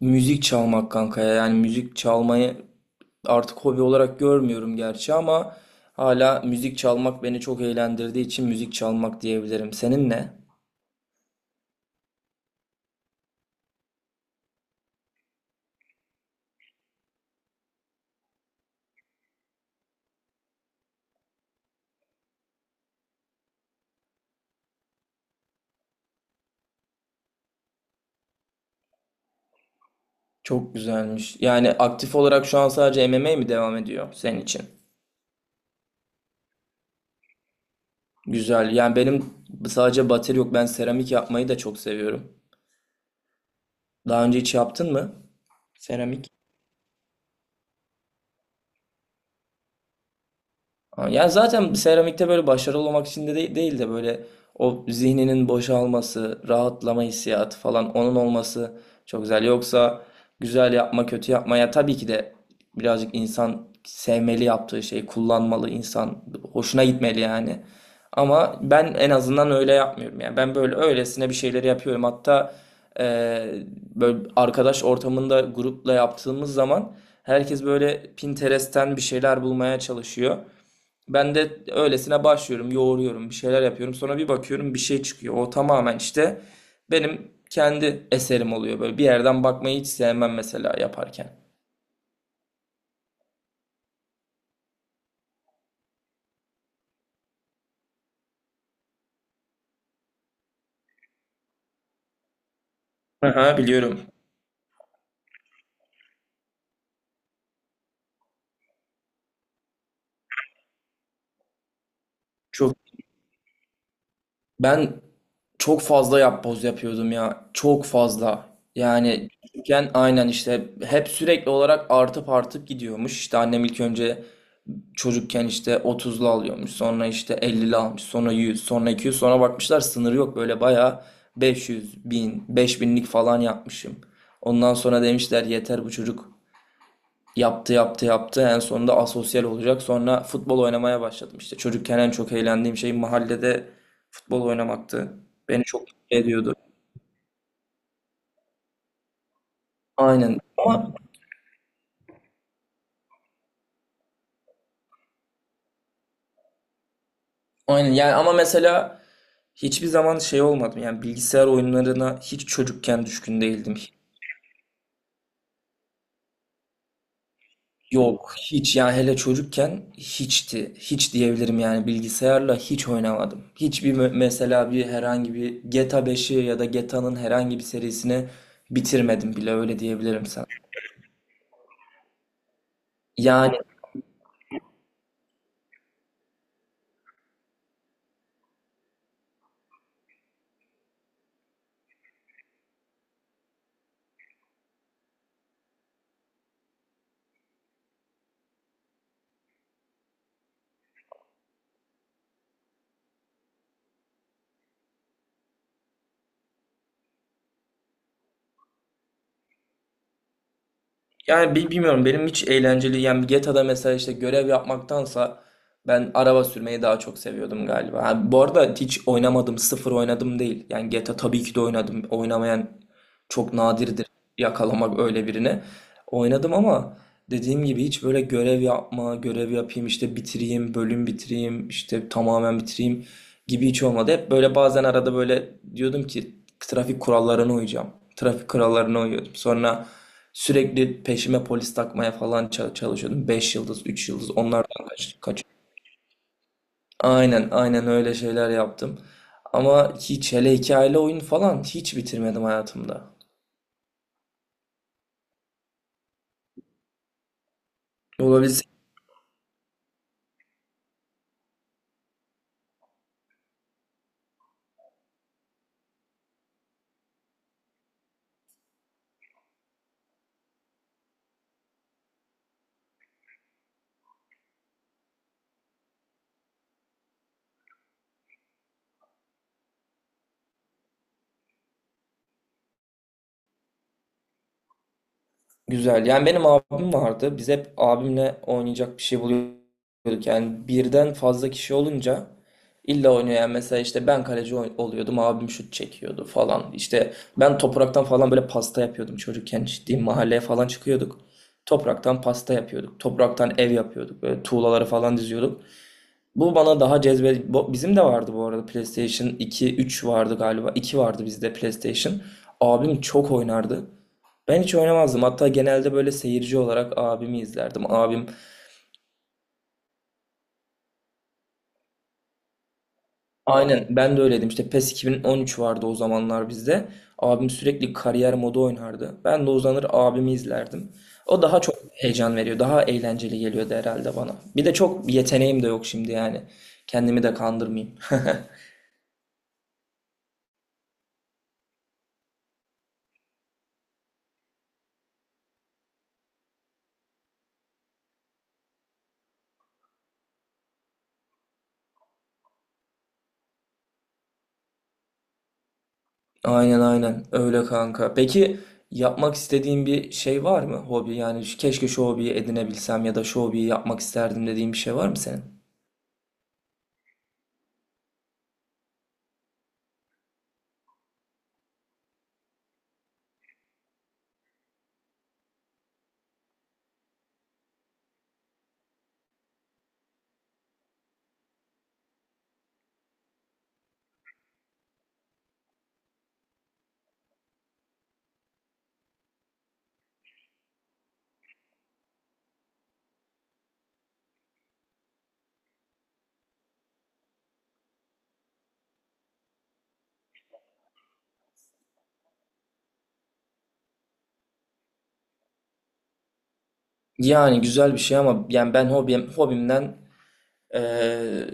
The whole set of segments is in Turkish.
Müzik çalmak kanka ya. Yani müzik çalmayı artık hobi olarak görmüyorum gerçi ama hala müzik çalmak beni çok eğlendirdiği için müzik çalmak diyebilirim. Senin ne? Çok güzelmiş. Yani aktif olarak şu an sadece M M MMA mi devam ediyor senin için? Güzel. Yani benim sadece bateri yok. Ben seramik yapmayı da çok seviyorum. Daha önce hiç yaptın mı? Seramik. Ha, ya zaten seramikte böyle başarılı olmak için de değil, değil de böyle o zihninin boşalması, rahatlama hissiyatı falan onun olması çok güzel. Yoksa güzel yapma, kötü yapma ya, tabii ki de birazcık insan sevmeli yaptığı şeyi, kullanmalı insan, hoşuna gitmeli yani. Ama ben en azından öyle yapmıyorum yani. Ben böyle öylesine bir şeyleri yapıyorum. Hatta eee, böyle arkadaş ortamında grupla yaptığımız zaman herkes böyle Pinterest'ten bir şeyler bulmaya çalışıyor. Ben de öylesine başlıyorum, yoğuruyorum, bir şeyler yapıyorum. Sonra bir bakıyorum bir şey çıkıyor. O tamamen işte benim kendi eserim oluyor. Böyle bir yerden bakmayı hiç sevmem mesela yaparken. Aha, biliyorum. Çok Ben çok fazla yapboz yapıyordum ya. Çok fazla. Yani küçükken aynen işte hep sürekli olarak artıp artıp gidiyormuş. İşte annem ilk önce çocukken işte 30'lu alıyormuş. Sonra işte 50'li almış. Sonra 100, sonra 200. Sonra bakmışlar sınırı yok. Böyle bayağı 500, 1.000, 5.000'lik falan yapmışım. Ondan sonra demişler yeter bu çocuk. Yaptı yaptı yaptı, en sonunda asosyal olacak. Sonra futbol oynamaya başladım. İşte çocukken en çok eğlendiğim şey mahallede futbol oynamaktı. Beni çok mutlu ediyordu. Aynen ama. Aynen yani, ama mesela hiçbir zaman şey olmadım, yani bilgisayar oyunlarına hiç çocukken düşkün değildim. Yok, hiç yani, hele çocukken hiçti, hiç diyebilirim yani. Bilgisayarla hiç oynamadım hiçbir, mesela bir, herhangi bir GTA 5'i ya da GTA'nın herhangi bir serisini bitirmedim bile, öyle diyebilirim sana. Yani, bilmiyorum, benim hiç eğlenceli yani GTA'da mesela işte görev yapmaktansa ben araba sürmeyi daha çok seviyordum galiba. Ha, bu arada hiç oynamadım, sıfır oynadım değil. Yani GTA tabii ki de oynadım. Oynamayan çok nadirdir, yakalamak öyle birini. Oynadım ama dediğim gibi hiç böyle görev yapma, görev yapayım işte bitireyim, bölüm bitireyim, işte tamamen bitireyim gibi hiç olmadı. Hep böyle, bazen arada böyle diyordum ki trafik kurallarına uyacağım. Trafik kurallarına uyuyordum. Sonra sürekli peşime polis takmaya falan çalışıyordum. 5 yıldız, üç yıldız, onlardan kaçtık. Aynen aynen, öyle şeyler yaptım. Ama hiç, hele hikayeli oyun falan hiç bitirmedim hayatımda. Olabilir. Güzel. Yani benim abim vardı. Biz hep abimle oynayacak bir şey buluyorduk. Yani birden fazla kişi olunca illa oynuyor. Yani mesela işte ben kaleci oluyordum. Abim şut çekiyordu falan. İşte ben topraktan falan böyle pasta yapıyordum çocukken. Ciddi, mahalleye falan çıkıyorduk. Topraktan pasta yapıyorduk. Topraktan ev yapıyorduk. Böyle tuğlaları falan diziyorduk. Bu bana daha cezbe... bu- Bizim de vardı bu arada, PlayStation 2 3 vardı galiba. İki vardı bizde PlayStation. Abim çok oynardı. Ben hiç oynamazdım. Hatta genelde böyle seyirci olarak abimi izlerdim. Abim, aynen, ben de öyleydim. İşte PES 2013 vardı o zamanlar bizde. Abim sürekli kariyer modu oynardı. Ben de uzanır abimi izlerdim. O daha çok heyecan veriyor. Daha eğlenceli geliyordu herhalde bana. Bir de çok yeteneğim de yok şimdi yani. Kendimi de kandırmayayım. Aynen aynen öyle kanka. Peki yapmak istediğin bir şey var mı? Hobi yani, keşke şu hobiyi edinebilsem ya da şu hobiyi yapmak isterdim dediğin bir şey var mı senin? Yani güzel bir şey ama yani ben hobim, hobimden, eee,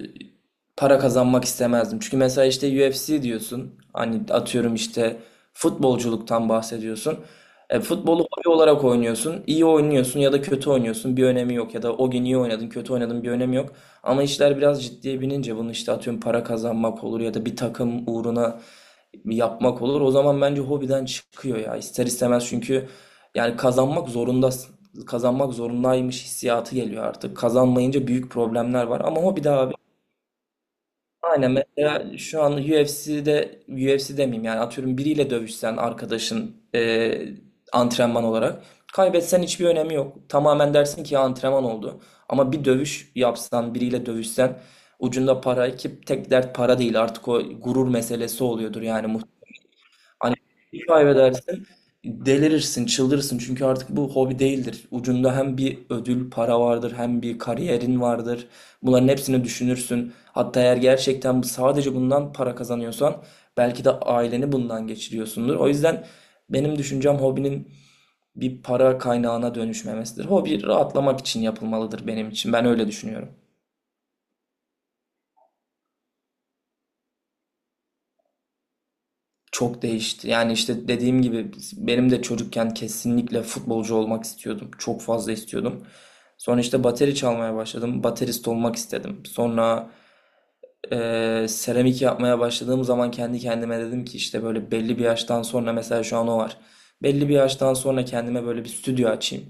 para kazanmak istemezdim. Çünkü mesela işte UFC diyorsun. Hani atıyorum işte futbolculuktan bahsediyorsun. E, futbolu hobi olarak oynuyorsun. İyi oynuyorsun ya da kötü oynuyorsun, bir önemi yok. Ya da o gün iyi oynadın, kötü oynadın, bir önemi yok. Ama işler biraz ciddiye binince bunu işte atıyorum para kazanmak olur ya da bir takım uğruna yapmak olur. O zaman bence hobiden çıkıyor ya. İster istemez, çünkü yani kazanmak zorundasın, kazanmak zorundaymış hissiyatı geliyor artık. Kazanmayınca büyük problemler var. Ama o bir daha abi. Aynen, mesela şu an UFC'de, UFC demeyeyim yani, atıyorum biriyle dövüşsen, arkadaşın, antrenman olarak kaybetsen hiçbir önemi yok. Tamamen dersin ki ya, antrenman oldu. Ama bir dövüş yapsan, biriyle dövüşsen, ucunda para, ki tek dert para değil artık, o gurur meselesi oluyordur yani. Hani bir şey kaybedersin, delirirsin, çıldırırsın. Çünkü artık bu hobi değildir. Ucunda hem bir ödül, para vardır, hem bir kariyerin vardır. Bunların hepsini düşünürsün. Hatta eğer gerçekten sadece bundan para kazanıyorsan, belki de aileni bundan geçiriyorsundur. O yüzden benim düşüncem hobinin bir para kaynağına dönüşmemesidir. Hobi rahatlamak için yapılmalıdır benim için. Ben öyle düşünüyorum. Çok değişti. Yani işte dediğim gibi benim de çocukken kesinlikle futbolcu olmak istiyordum. Çok fazla istiyordum. Sonra işte bateri çalmaya başladım. Baterist olmak istedim. Sonra seramik yapmaya başladığım zaman kendi kendime dedim ki işte böyle belli bir yaştan sonra, mesela şu an o var. Belli bir yaştan sonra kendime böyle bir stüdyo açayım.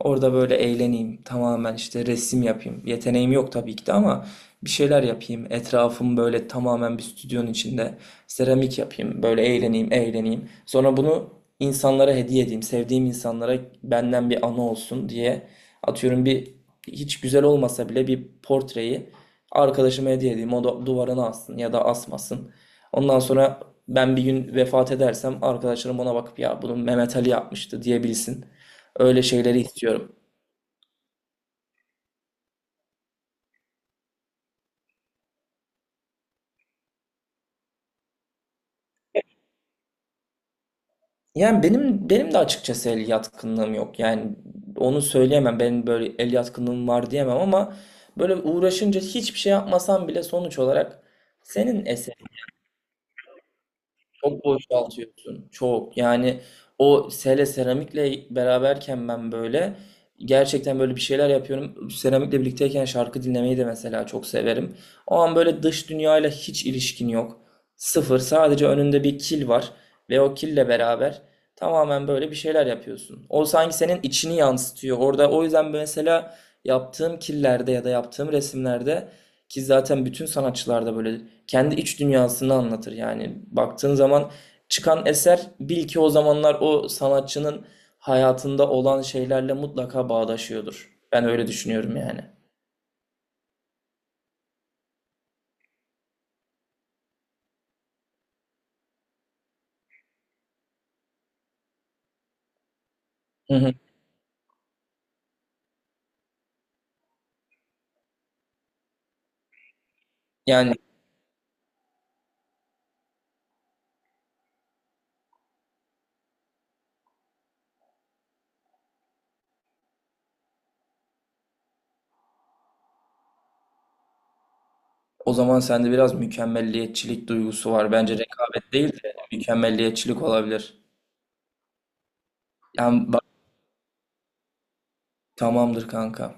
Orada böyle eğleneyim. Tamamen işte resim yapayım. Yeteneğim yok tabii ki de ama bir şeyler yapayım. Etrafım böyle tamamen bir stüdyonun içinde. Seramik yapayım. Böyle eğleneyim, eğleneyim. Sonra bunu insanlara hediye edeyim. Sevdiğim insanlara benden bir anı olsun diye atıyorum bir, hiç güzel olmasa bile, bir portreyi arkadaşıma hediye edeyim. O da duvarına assın ya da asmasın. Ondan sonra ben bir gün vefat edersem arkadaşlarım ona bakıp ya bunu Mehmet Ali yapmıştı diyebilsin. Öyle şeyleri istiyorum. Yani benim de açıkçası el yatkınlığım yok. Yani onu söyleyemem. Benim böyle el yatkınlığım var diyemem ama böyle uğraşınca hiçbir şey yapmasam bile sonuç olarak senin eserin. Çok boşaltıyorsun. Çok. Yani o, hele seramikle beraberken ben böyle gerçekten böyle bir şeyler yapıyorum. Seramikle birlikteyken şarkı dinlemeyi de mesela çok severim. O an böyle dış dünyayla hiç ilişkin yok. Sıfır. Sadece önünde bir kil var ve o kille beraber tamamen böyle bir şeyler yapıyorsun. O sanki senin içini yansıtıyor. Orada, o yüzden mesela yaptığım killerde ya da yaptığım resimlerde, ki zaten bütün sanatçılarda böyle kendi iç dünyasını anlatır yani. Baktığın zaman çıkan eser, bil ki o zamanlar o sanatçının hayatında olan şeylerle mutlaka bağdaşıyordur. Ben öyle düşünüyorum yani. Hı hı. Yani o zaman sende biraz mükemmelliyetçilik duygusu var. Bence rekabet değil de mükemmelliyetçilik olabilir. Yani bak, tamamdır kanka.